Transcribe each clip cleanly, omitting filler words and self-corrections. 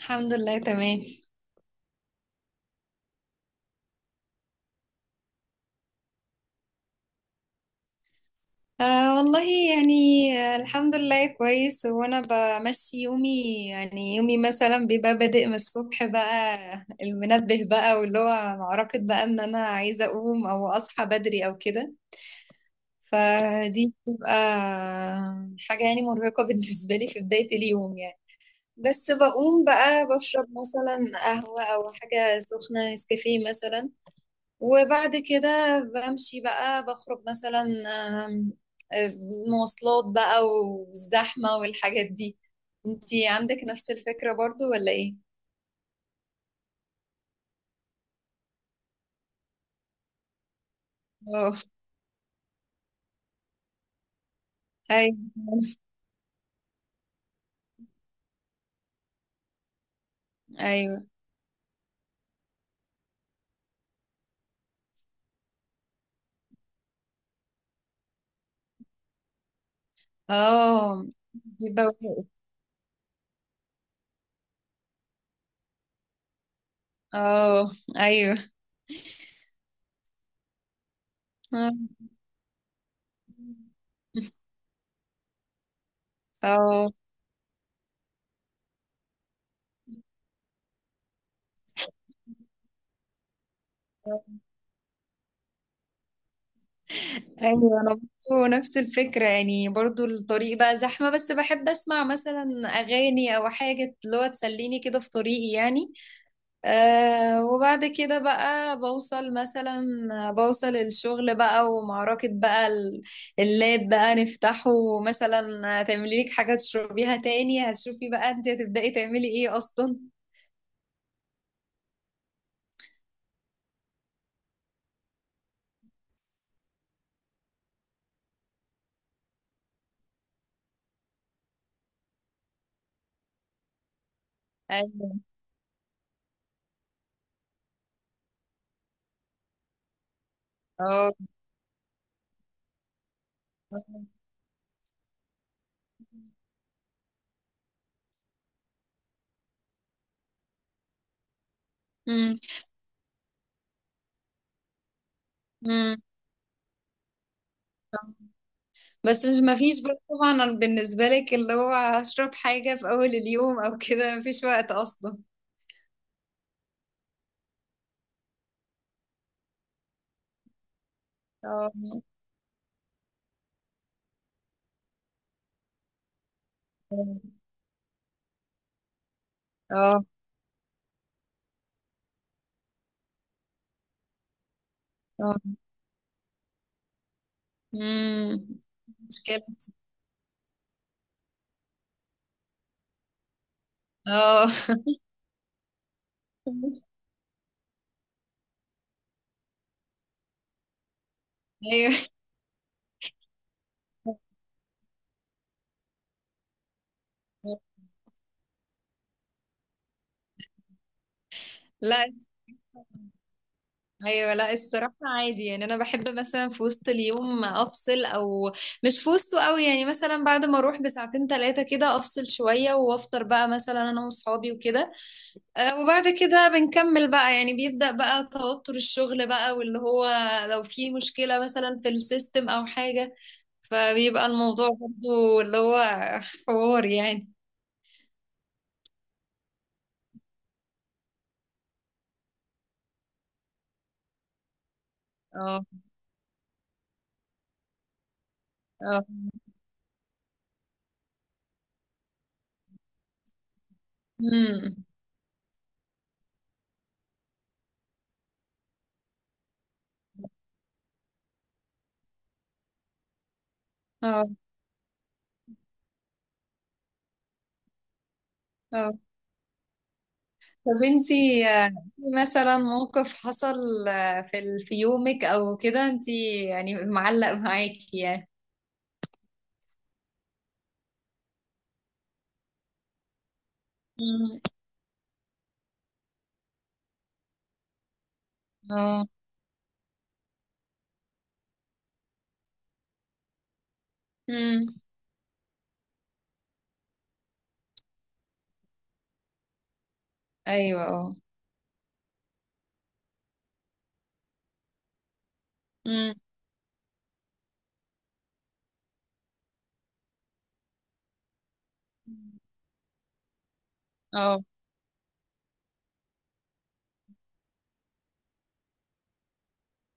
الحمد لله تمام. آه والله. يعني، آه الحمد لله كويس. وانا بمشي يومي. يعني يومي مثلا بيبقى بادئ من الصبح بقى. المنبه بقى واللي هو معركة بقى ان انا عايزة اقوم او اصحى بدري او كده. فدي بتبقى حاجة يعني مرهقة بالنسبة لي في بداية اليوم يعني. بس بقوم بقى بشرب مثلا قهوة او حاجة سخنة نسكافيه مثلا. وبعد كده بمشي بقى بخرج مثلا. آم، آه، مواصلات بقى والزحمة والحاجات دي. انتي عندك نفس الفكرة برضو ولا ايه؟ اه. ايوه. ايوه. اه. دي بوقت. اه. ايوه. اه. اه. ايوه. انا برضو نفس الفكره، يعني برضو الطريق بقى زحمه بس بحب اسمع مثلا اغاني او حاجه اللي هو تسليني كده في طريقي يعني. آه وبعد كده بقى بوصل مثلا. بوصل الشغل بقى ومعركة بقى اللاب بقى نفتحه مثلا. هتعملي لك حاجة تشربيها تاني. هتشوفي بقى انت هتبدأي تعملي ايه اصلا. ايوه. اه. أمم، أمم. بس مش مفيش بقى طبعا بالنسبة لك اللي هو هشرب حاجة في أول اليوم أو كده مفيش وقت أصلا. اه. اه. اه. أمم. مشكلة. اه. ايوه. لا. ايوه لا الصراحه عادي. يعني انا بحب مثلا في وسط اليوم افصل، او مش في وسطه قوي. يعني مثلا بعد ما اروح بساعتين ثلاثه كده افصل شويه وافطر بقى مثلا انا واصحابي وكده. وبعد كده بنكمل بقى. يعني بيبدا بقى توتر الشغل بقى واللي هو لو في مشكله مثلا في السيستم او حاجه. فبيبقى الموضوع برضو اللي هو حوار يعني. اه. اه. امم. اه. آه. طب انتي في مثلا موقف حصل في في يومك او كده انتي يعني معلق معاكي يعني. مم. اه. مم. ايوه. اه. مم. اه.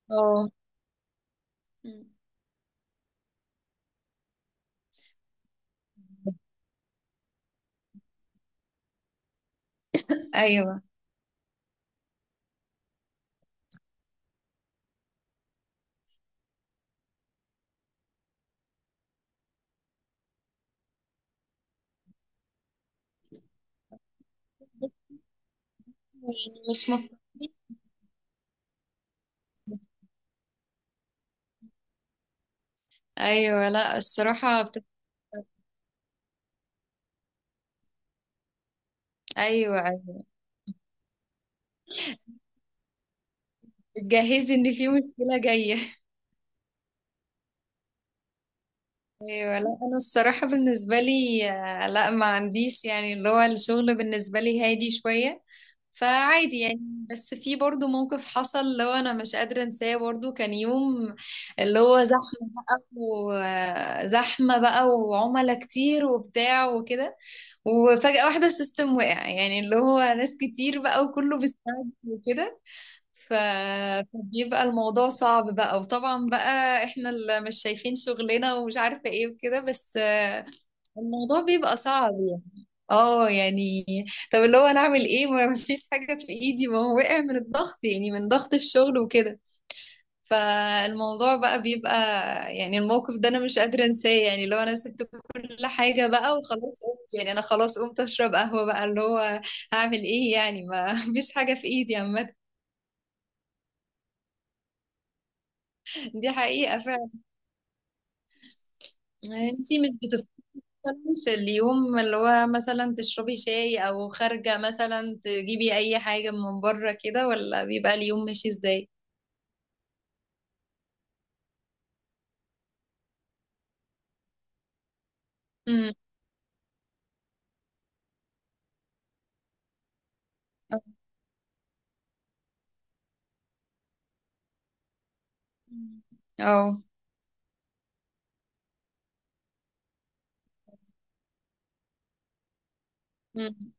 اه. مم. ايوه. مش مف... ايوه لا الصراحه ايوه ايوه بتجهزي ان في مشكله جايه. ايوه لا انا الصراحه بالنسبه لي لا ما عنديش، يعني اللي هو الشغل بالنسبه لي هادي شويه. فعادي يعني. بس في برضو موقف حصل لو انا مش قادرة انساه. برضو كان يوم اللي هو زحمة بقى وزحمة بقى وعملاء كتير وبتاع وكده. وفجأة واحدة السيستم وقع، يعني اللي هو ناس كتير بقى وكله بيستعد وكده. ف- فبيبقى الموضوع صعب بقى، وطبعا بقى احنا اللي مش شايفين شغلنا ومش عارفة ايه وكده بس الموضوع بيبقى صعب يعني. اه يعني. طب اللي هو انا اعمل ايه؟ ما فيش حاجه في ايدي، ما هو وقع من الضغط يعني، من ضغط الشغل وكده. فالموضوع بقى بيبقى. يعني الموقف ده انا مش قادره انساه، يعني اللي هو انا سبت كل حاجه بقى وخلاص قمت، يعني انا خلاص قمت اشرب قهوه بقى اللي هو هعمل ايه يعني؟ ما فيش حاجه في ايدي عامه. دي حقيقه فعلا. انتي مش بتفكري في اليوم اللي هو مثلا تشربي شاي، او خارجه مثلا تجيبي اي حاجه من بره كده، ولا بيبقى اليوم ماشي ازاي؟ اه. أه. أمم.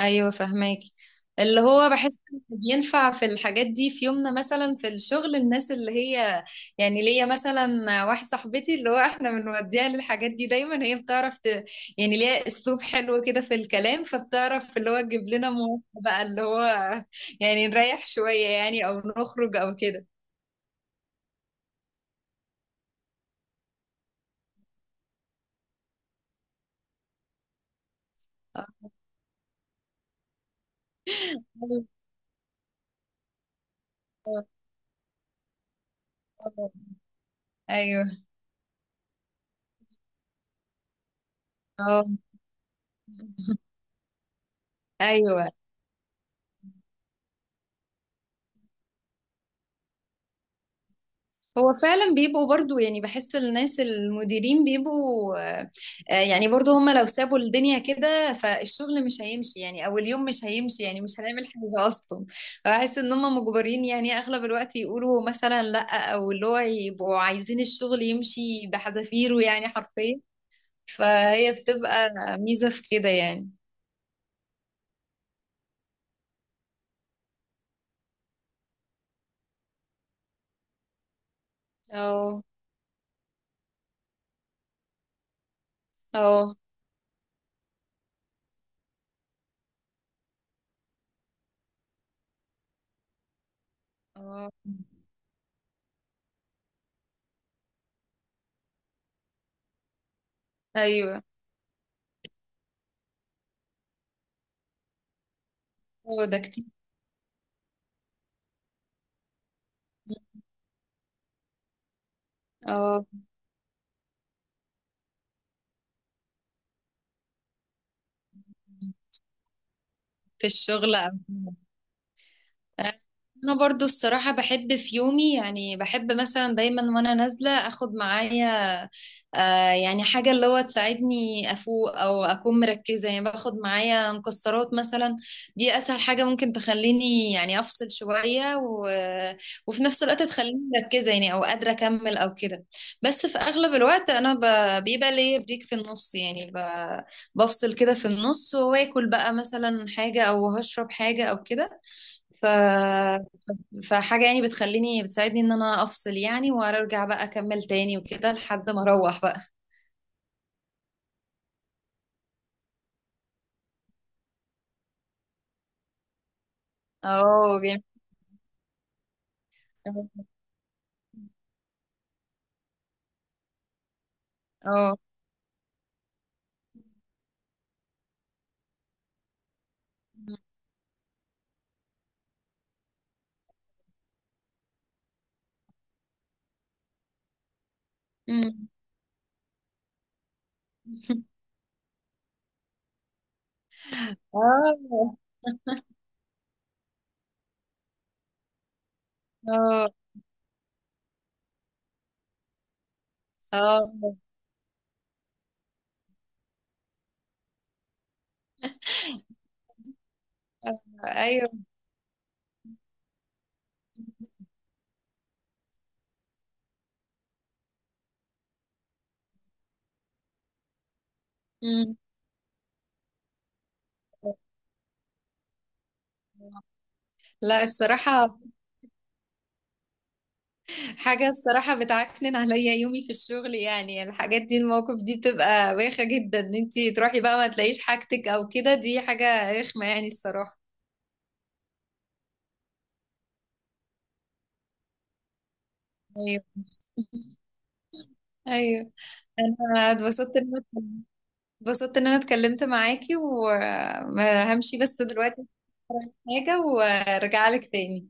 ايوه فهماكي. اللي هو بحس إن بينفع في الحاجات دي في يومنا مثلا في الشغل الناس اللي هي، يعني ليا مثلا واحده صاحبتي اللي هو احنا بنوديها للحاجات دي دايما. هي بتعرف يعني ليها اسلوب حلو كده في الكلام. فبتعرف اللي هو تجيب لنا مواقف بقى اللي هو يعني نريح شويه يعني، او نخرج او كده. آه. ايوه. اه. ايوه. هو فعلا بيبقوا برضو، يعني بحس الناس المديرين بيبقوا يعني برضو هم لو سابوا الدنيا كده فالشغل مش هيمشي يعني، او اليوم مش هيمشي يعني، مش هنعمل حاجة اصلا. بحس ان هم مجبرين، يعني اغلب الوقت يقولوا مثلا لا، او اللي هو يبقوا عايزين الشغل يمشي بحذافيره يعني حرفيا. فهي بتبقى ميزة في كده يعني. اه. اه. اه. ايوه. هو ده كتير. اه. في الشغل. انا برضو الصراحة بحب في يومي، يعني بحب مثلا دايما وانا نازلة اخد معايا يعني حاجة اللي هو تساعدني افوق او اكون مركزة، يعني باخد معايا مكسرات مثلا. دي اسهل حاجة ممكن تخليني يعني افصل شوية، وفي نفس الوقت تخليني مركزة، يعني او قادرة اكمل او كده. بس في اغلب الوقت بيبقى ليا بريك في النص يعني. بفصل كده في النص واكل بقى مثلا حاجة او هشرب حاجة او كده. ف فحاجة يعني بتخليني بتساعدني ان انا افصل يعني، وارجع بقى اكمل تاني وكده لحد ما اروح بقى. اه جامد. اه. أمم. اه. اه. اه. ايوه. أمم. لا الصراحة. حاجة الصراحة بتعكنن عليا يومي في الشغل، يعني الحاجات دي المواقف دي بتبقى بايخة جدا ان انتي تروحي بقى ما تلاقيش حاجتك او كده. دي حاجة رخمة يعني الصراحة. ايوه. ايوه. انا اتبسطت ان اتبسطت ان انا اتكلمت معاكي، وهمشي بس دلوقتي في حاجة وارجع لك تاني.